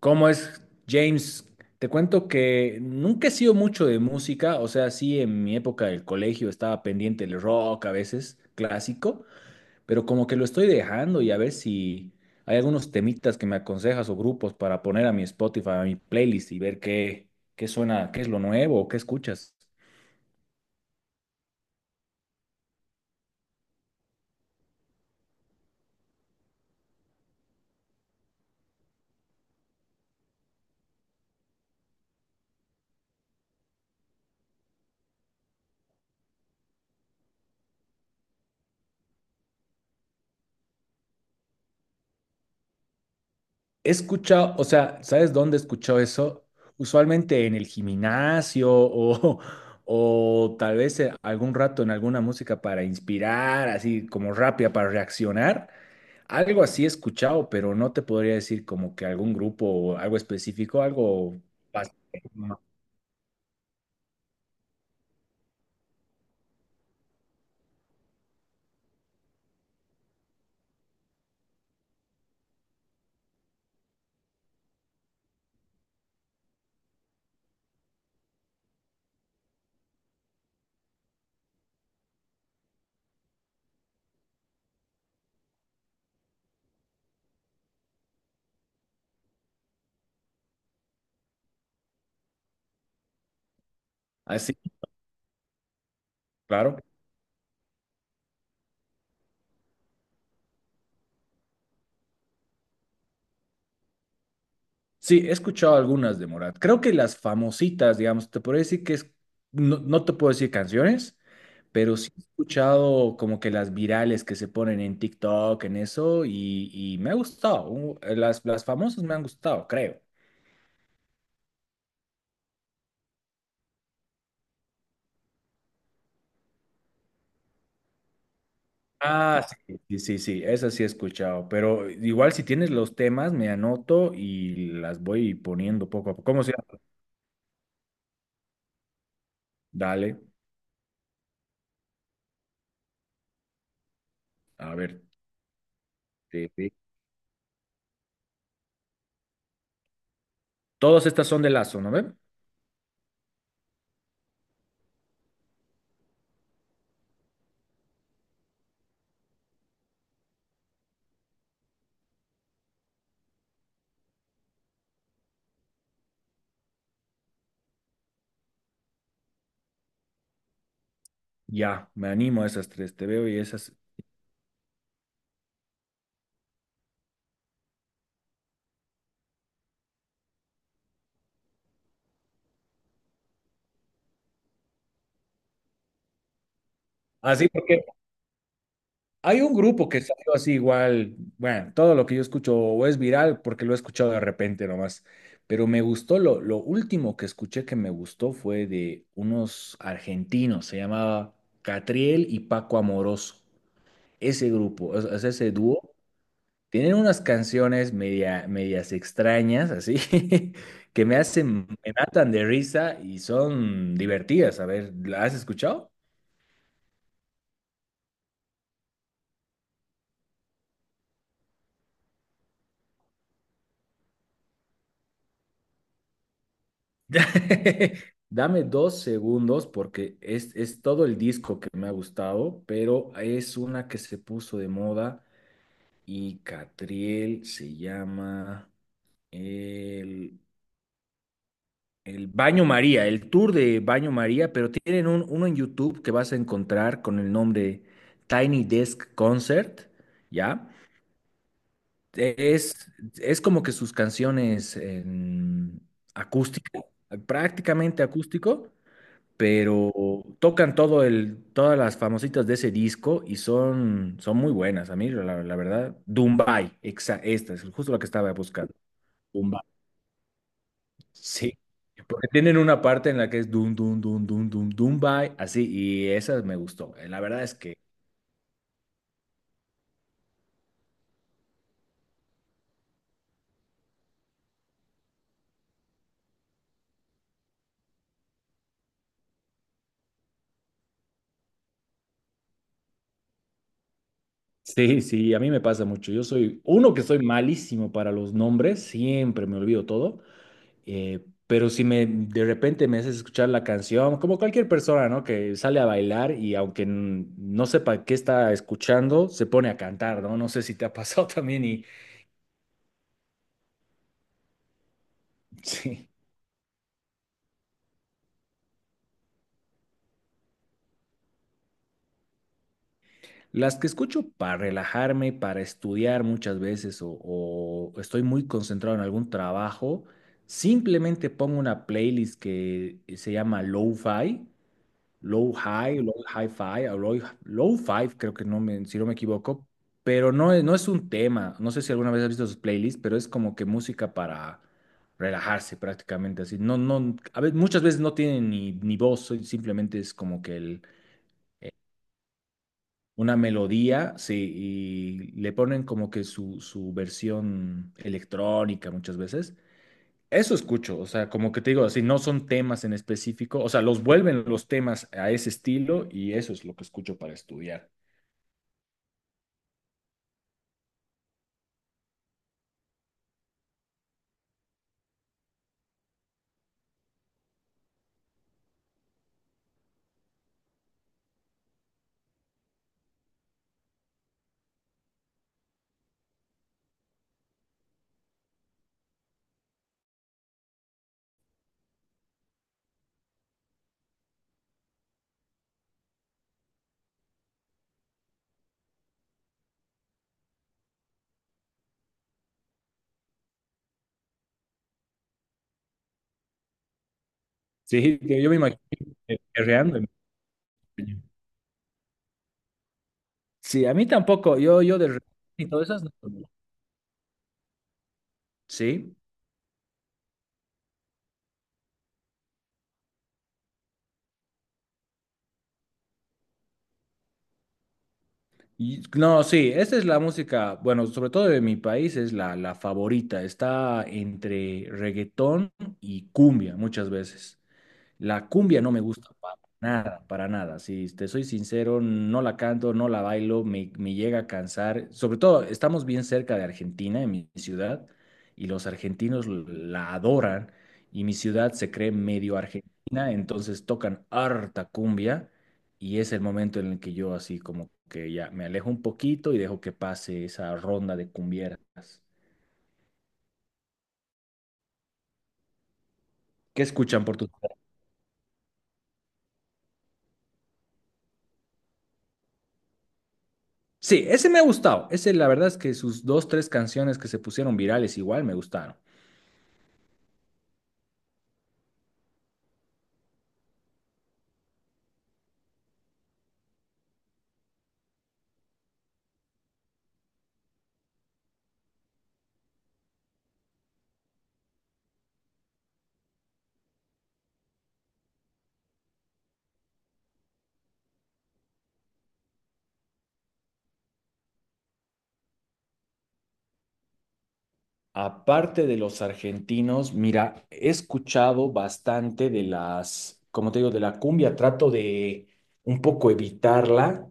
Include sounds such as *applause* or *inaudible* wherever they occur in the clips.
¿Cómo es, James? Te cuento que nunca he sido mucho de música, o sea, sí, en mi época del colegio estaba pendiente del rock a veces, clásico, pero como que lo estoy dejando y a ver si hay algunos temitas que me aconsejas o grupos para poner a mi Spotify, a mi playlist y ver qué, qué suena, qué es lo nuevo, qué escuchas. He escuchado, o sea, ¿sabes dónde he escuchado eso? Usualmente en el gimnasio o, *laughs* o tal vez algún rato en alguna música para inspirar, así como rápida para reaccionar. Algo así he escuchado, pero no te podría decir como que algún grupo o algo específico, algo bastante- así, claro. Sí, he escuchado algunas de Morat. Creo que las famositas, digamos, te puedo decir que es, no, no te puedo decir canciones, pero sí he escuchado como que las virales que se ponen en TikTok, en eso, y me ha gustado. Las, famosas me han gustado, creo. Ah, sí, sí, sí, sí, esas sí he escuchado, pero igual si tienes los temas, me anoto y las voy poniendo poco a poco. ¿Cómo se llama? Dale, a ver. te- te- Todas estas son de Lazo, ¿no ven? Ya, me animo a esas tres, te veo y esas. Así, porque hay un grupo que salió así igual, bueno, todo lo que yo escucho o es viral porque lo he escuchado de repente nomás, pero me gustó, lo último que escuché que me gustó fue de unos argentinos, se llamaba Catriel y Paco Amoroso, ese grupo, o sea, ese dúo, tienen unas canciones medias extrañas, así, *laughs* que me hacen, me matan de risa y son divertidas, a ver, ¿la has escuchado? *laughs* Dame dos segundos porque es todo el disco que me ha gustado, pero es una que se puso de moda y Catriel se llama el, el Baño María, el tour de Baño María, pero tienen uno en YouTube que vas a encontrar con el nombre Tiny Desk Concert, ¿ya? Es, es como que sus canciones en acústica, prácticamente acústico, pero tocan todas las famositas de ese disco y son, son muy buenas. A mí, la verdad, Dumbai, esta es justo la que estaba buscando. Dumbai, sí. Porque tienen una parte en la que es Dum, Dum, Dum, Dum, Dum, Dumbai, así, y esa me gustó. La verdad es que. Sí, sí, a mí me pasa mucho. Yo soy, uno que soy malísimo para los nombres, siempre me olvido todo. Pero si me de repente me haces escuchar la canción, como cualquier persona, ¿no? Que sale a bailar y aunque no sepa qué está escuchando, se pone a cantar, ¿no? No sé si te ha pasado *laughs* también y sí. Las que escucho para relajarme, para estudiar muchas veces o estoy muy concentrado en algún trabajo, simplemente pongo una playlist que se llama Lo-Fi Low High, Low High Five, o Low, Low Five, creo que no me, si no me equivoco, pero no es un tema. No sé si alguna vez has visto sus playlists, pero es como que música para relajarse prácticamente así. No, no, a veces, muchas veces no tienen ni, ni voz, simplemente es como que una melodía, sí, y le ponen como que su versión electrónica muchas veces. Eso escucho, o sea, como que te digo, así no son temas en específico, o sea, los vuelven los temas a ese estilo y eso es lo que escucho para estudiar. Sí, que yo me imagino que perreando en español. Sí, a mí tampoco, yo y todas esas no. Sí, y, no, sí, esta es la música, bueno, sobre todo de mi país es la favorita, está entre reggaetón y cumbia muchas veces. La cumbia no me gusta para nada, para nada. Si te soy sincero, no la canto, no la bailo, me llega a cansar. Sobre todo, estamos bien cerca de Argentina, en mi ciudad, y los argentinos la adoran, y mi ciudad se cree medio argentina, entonces tocan harta cumbia, y es el momento en el que yo así como que ya me alejo un poquito y dejo que pase esa ronda de cumbieras. ¿Qué escuchan por tu... Sí, ese me ha gustado. Ese, la verdad es que sus dos, tres canciones que se pusieron virales igual me gustaron. Aparte de los argentinos, mira, he escuchado bastante de las, como te digo, de la cumbia. Trato de un poco evitarla.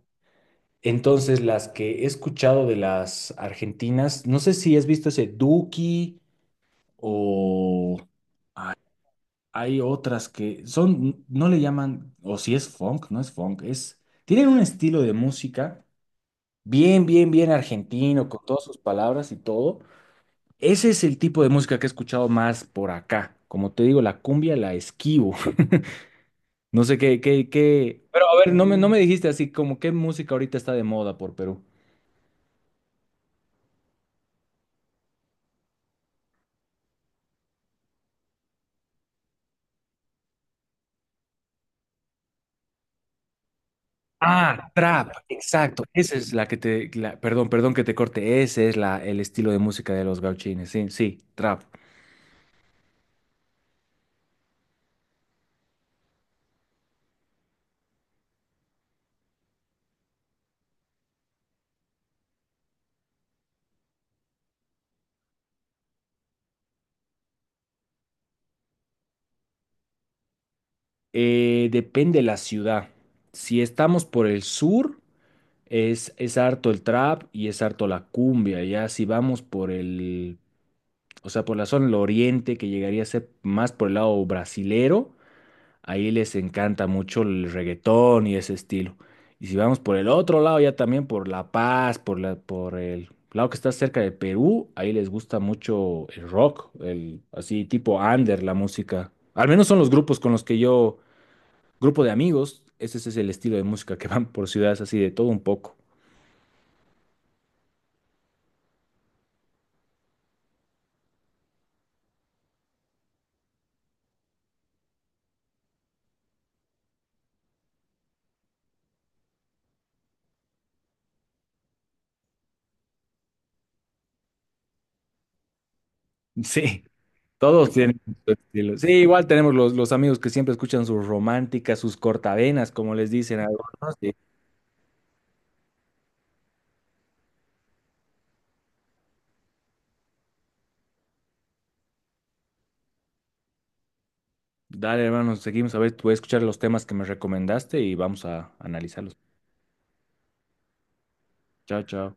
Entonces, las que he escuchado de las argentinas, no sé si has visto ese Duki o hay otras que son, no le llaman, o si es funk, no es funk, es, tienen un estilo de música bien, bien, bien argentino, con todas sus palabras y todo. Ese es el tipo de música que he escuchado más por acá. Como te digo, la cumbia la esquivo. *laughs* No sé qué, qué, qué. Pero a ver, no me dijiste así como qué música ahorita está de moda por Perú. Ah, trap, exacto. Esa es la que te, perdón, perdón que te corte. Ese es el estilo de música de los gauchines. Sí, sí, trap. Depende la ciudad. Si estamos por el sur. Es harto el trap y es harto la cumbia. Ya si vamos por o sea, por la zona del oriente, que llegaría a ser más por el lado brasilero, ahí les encanta mucho el reggaetón y ese estilo. Y si vamos por el otro lado, ya también por La Paz, por el lado que está cerca de Perú, ahí les gusta mucho el rock, el así tipo under, la música. Al menos son los grupos con los que yo, grupo de amigos, ese es el estilo de música que *laughs* van por ciudades así de todo un poco. *laughs* Sí. Todos tienen su estilo. Sí, igual tenemos los amigos que siempre escuchan sus románticas, sus cortavenas, como les dicen a algunos. Y, dale, hermano, seguimos a ver, voy a escuchar los temas que me recomendaste y vamos a analizarlos. Chao, chao.